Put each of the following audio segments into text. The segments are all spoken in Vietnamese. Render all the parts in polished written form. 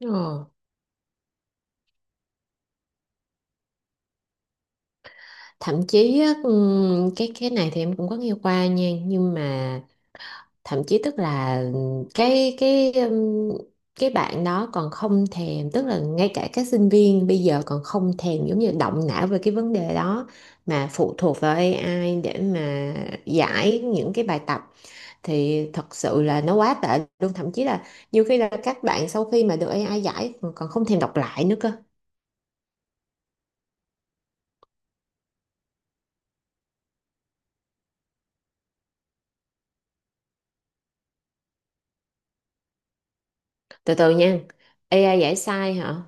Ờ. Thậm chí á, cái này thì em cũng có nghe qua nha, nhưng mà thậm chí tức là cái bạn đó còn không thèm, tức là ngay cả các sinh viên bây giờ còn không thèm giống như động não về cái vấn đề đó, mà phụ thuộc vào AI để mà giải những cái bài tập. Thì thật sự là nó quá tệ luôn, thậm chí là nhiều khi là các bạn sau khi mà được AI giải còn không thèm đọc lại nữa cơ. Từ từ nha, AI giải sai hả?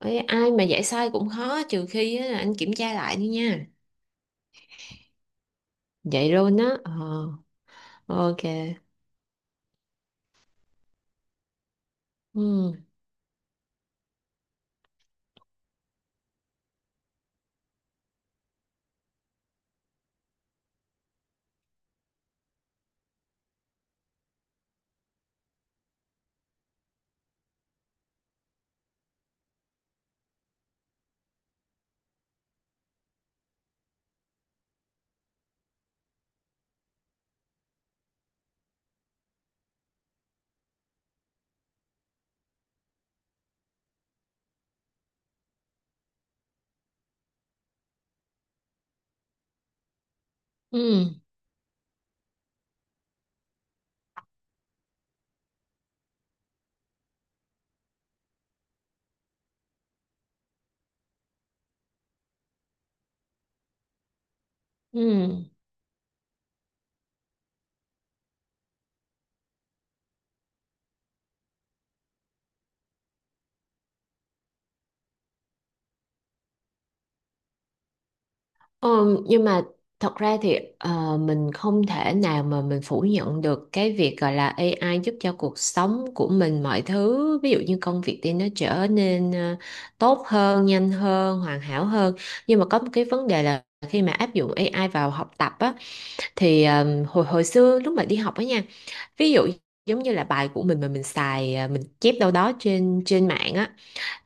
Ê, ai mà dạy sai cũng khó, trừ khi á, là anh kiểm tra lại đi nha. Vậy luôn á. Ờ, ok. Ừ, ừ, ừ. Ờ, nhưng mà thật ra thì mình không thể nào mà mình phủ nhận được cái việc gọi là AI giúp cho cuộc sống của mình, mọi thứ ví dụ như công việc thì nó trở nên tốt hơn, nhanh hơn, hoàn hảo hơn. Nhưng mà có một cái vấn đề là khi mà áp dụng AI vào học tập á, thì hồi hồi xưa lúc mà đi học á nha, ví dụ giống như là bài của mình mà mình xài à, mình chép đâu đó trên trên mạng á,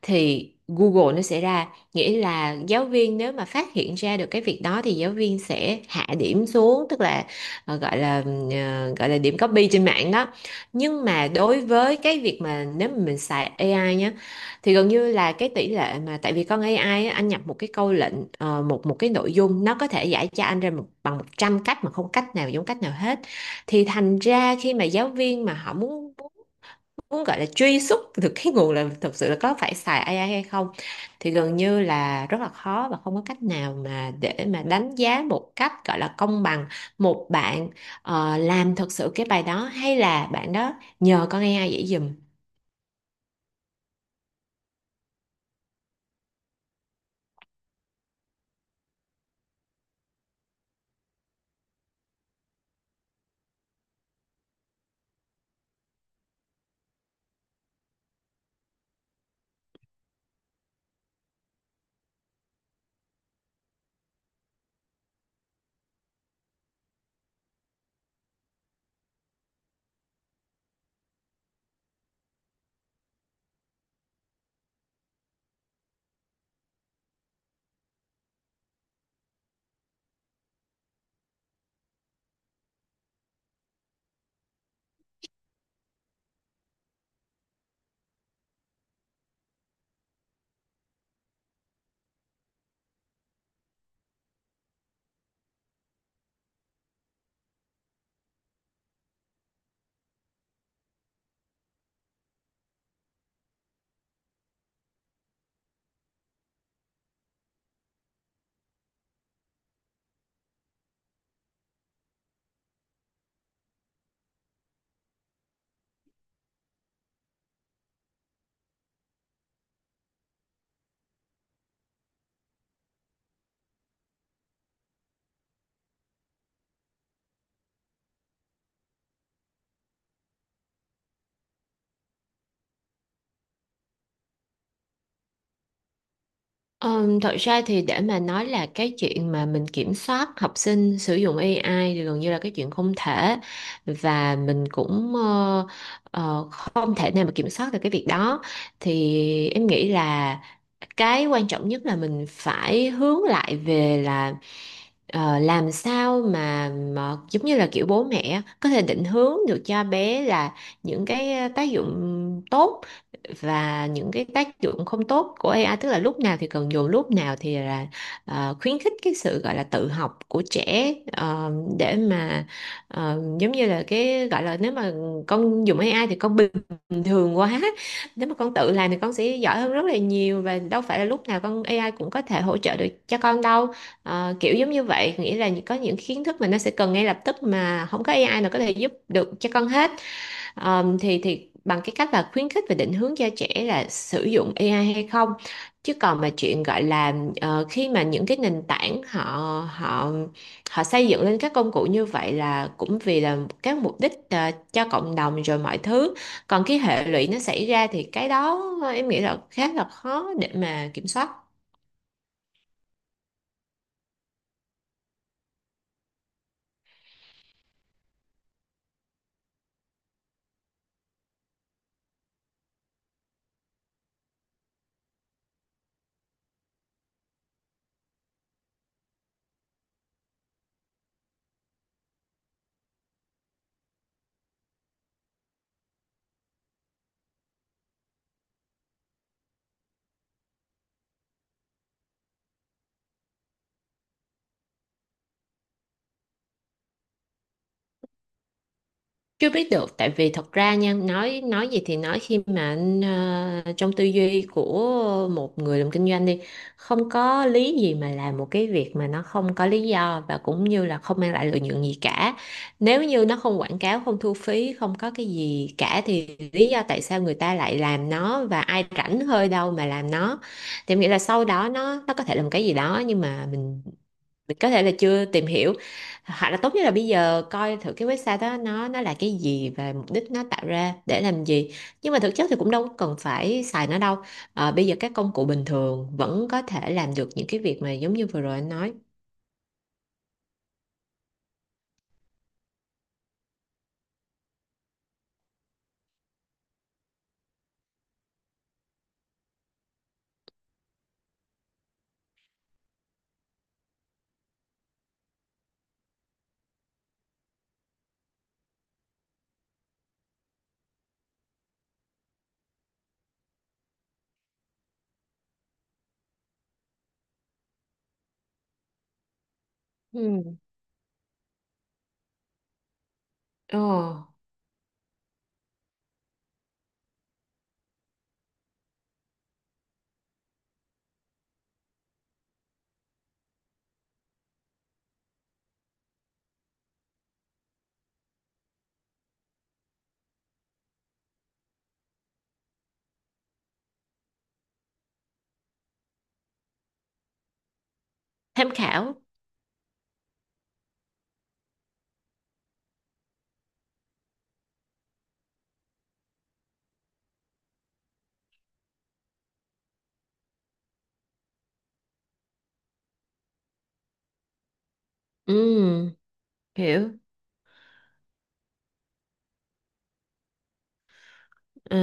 thì Google nó sẽ ra, nghĩa là giáo viên nếu mà phát hiện ra được cái việc đó thì giáo viên sẽ hạ điểm xuống, tức là gọi là gọi là điểm copy trên mạng đó. Nhưng mà đối với cái việc mà nếu mà mình xài AI nhá, thì gần như là cái tỷ lệ mà tại vì con AI á, anh nhập một cái câu lệnh một một cái nội dung, nó có thể giải cho anh ra một, bằng 100 cách mà không cách nào giống cách nào hết. Thì thành ra khi mà giáo viên mà họ muốn muốn gọi là truy xuất được cái nguồn là thực sự là có phải xài AI hay không, thì gần như là rất là khó và không có cách nào mà để mà đánh giá một cách gọi là công bằng một bạn làm thật sự cái bài đó, hay là bạn đó nhờ con AI dễ dùm. Thật ra thì để mà nói là cái chuyện mà mình kiểm soát học sinh sử dụng AI thì gần như là cái chuyện không thể, và mình cũng không thể nào mà kiểm soát được cái việc đó. Thì em nghĩ là cái quan trọng nhất là mình phải hướng lại về là làm sao mà giống như là kiểu bố mẹ có thể định hướng được cho bé là những cái tác dụng tốt và những cái tác dụng không tốt của AI, tức là lúc nào thì cần dùng, lúc nào thì là khuyến khích cái sự gọi là tự học của trẻ, để mà giống như là cái gọi là nếu mà con dùng AI thì con bình thường quá, nếu mà con tự làm thì con sẽ giỏi hơn rất là nhiều, và đâu phải là lúc nào con AI cũng có thể hỗ trợ được cho con đâu. Ờ, kiểu giống như vậy, nghĩa là có những kiến thức mà nó sẽ cần ngay lập tức mà không có AI nào có thể giúp được cho con hết. Thì bằng cái cách là khuyến khích và định hướng cho trẻ là sử dụng AI hay không, chứ còn mà chuyện gọi là khi mà những cái nền tảng họ họ họ xây dựng lên các công cụ như vậy là cũng vì là các mục đích cho cộng đồng rồi mọi thứ, còn cái hệ lụy nó xảy ra thì cái đó em nghĩ là khá là khó để mà kiểm soát. Chưa biết được, tại vì thật ra nha, nói gì thì nói, khi mà anh trong tư duy của một người làm kinh doanh đi, không có lý gì mà làm một cái việc mà nó không có lý do và cũng như là không mang lại lợi nhuận gì cả. Nếu như nó không quảng cáo, không thu phí, không có cái gì cả, thì lý do tại sao người ta lại làm nó, và ai rảnh hơi đâu mà làm nó. Thì em nghĩ là sau đó nó có thể làm cái gì đó, nhưng mà mình có thể là chưa tìm hiểu, hoặc là tốt nhất là bây giờ coi thử cái website đó nó là cái gì và mục đích nó tạo ra để làm gì. Nhưng mà thực chất thì cũng đâu có cần phải xài nó đâu. Ờ, bây giờ các công cụ bình thường vẫn có thể làm được những cái việc mà giống như vừa rồi anh nói. Ừ. Ồ, tham khảo. Ừ, hiểu. Ờ,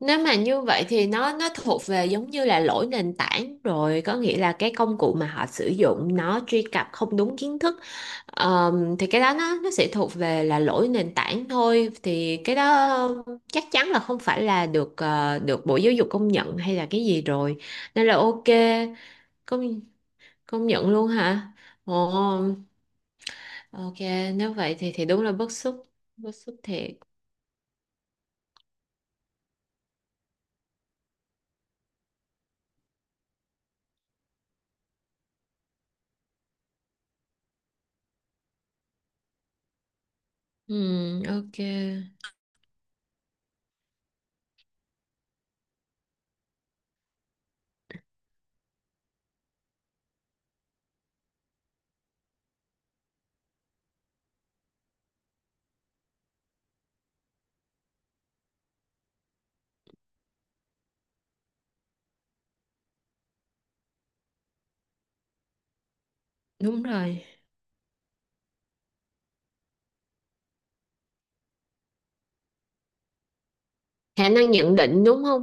nếu mà như vậy thì nó thuộc về giống như là lỗi nền tảng rồi, có nghĩa là cái công cụ mà họ sử dụng nó truy cập không đúng kiến thức. Thì cái đó nó sẽ thuộc về là lỗi nền tảng thôi, thì cái đó chắc chắn là không phải là được được Bộ Giáo dục công nhận hay là cái gì rồi, nên là ok. Công công nhận luôn hả? Ồ, ok. Nếu vậy thì đúng là bức xúc, bức xúc thiệt. Ừ, ok, đúng rồi, khả năng nhận định đúng không.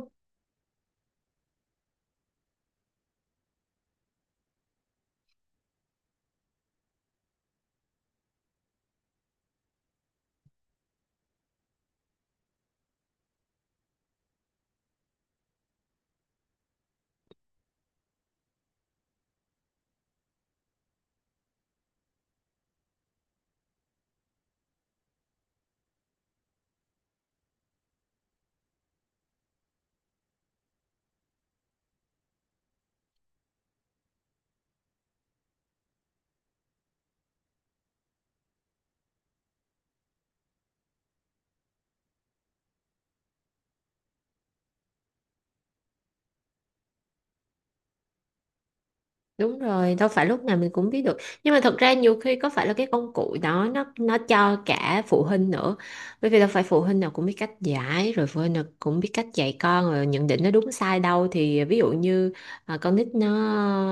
Đúng rồi, đâu phải lúc nào mình cũng biết được. Nhưng mà thật ra nhiều khi có phải là cái công cụ đó nó cho cả phụ huynh nữa, bởi vì đâu phải phụ huynh nào cũng biết cách giải, rồi phụ huynh nào cũng biết cách dạy con rồi nhận định nó đúng sai đâu. Thì ví dụ như à, con nít nó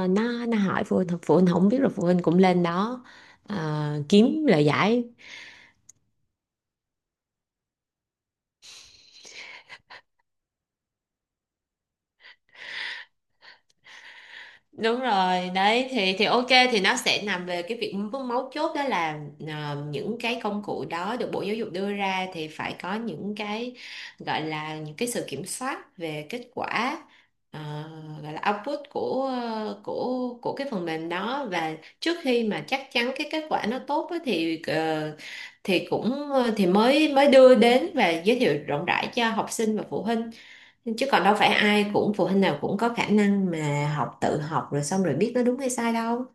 nó hỏi phụ huynh, phụ huynh không biết, rồi phụ huynh cũng lên đó à, kiếm lời giải. Đúng rồi, đấy thì ok, thì nó sẽ nằm về cái việc mấu mấu chốt đó là những cái công cụ đó được Bộ Giáo dục đưa ra thì phải có những cái gọi là những cái sự kiểm soát về kết quả, ờ, gọi là output của của cái phần mềm đó, và trước khi mà chắc chắn cái kết quả nó tốt á, thì thì cũng thì mới mới đưa đến và giới thiệu rộng rãi cho học sinh và phụ huynh, chứ còn đâu phải ai cũng phụ huynh nào cũng có khả năng mà tự học rồi xong rồi biết nó đúng hay sai đâu.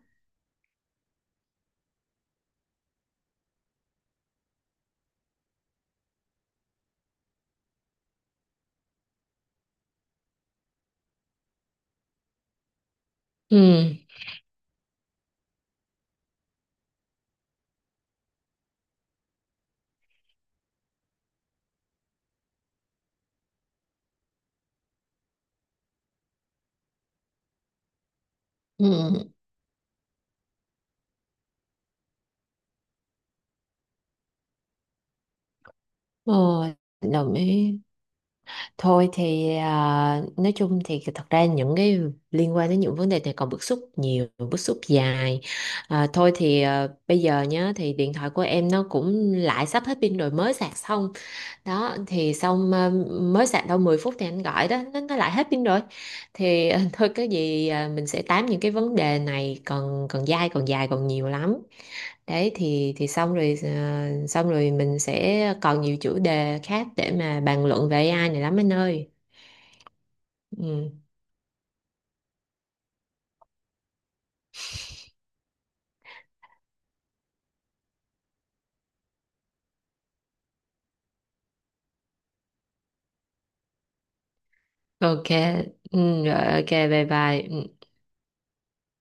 Ừ, ừ, ừ, đồng ý. Thôi thì à, nói chung thì thật ra những cái liên quan đến những vấn đề này còn bức xúc nhiều, bức xúc dài. À, thôi thì à, bây giờ nhá, thì điện thoại của em nó cũng lại sắp hết pin rồi, mới sạc xong. Đó thì xong mới sạc đâu 10 phút thì anh gọi đó, nó lại hết pin rồi. Thì thôi, cái gì mình sẽ tám những cái vấn đề này còn, còn dai, còn dài, còn nhiều lắm. Đấy thì xong rồi, xong rồi mình sẽ còn nhiều chủ đề khác để mà bàn luận về AI này lắm anh ơi. Ừ. Ok. Ừ, rồi, ok, bye bye. Ừ.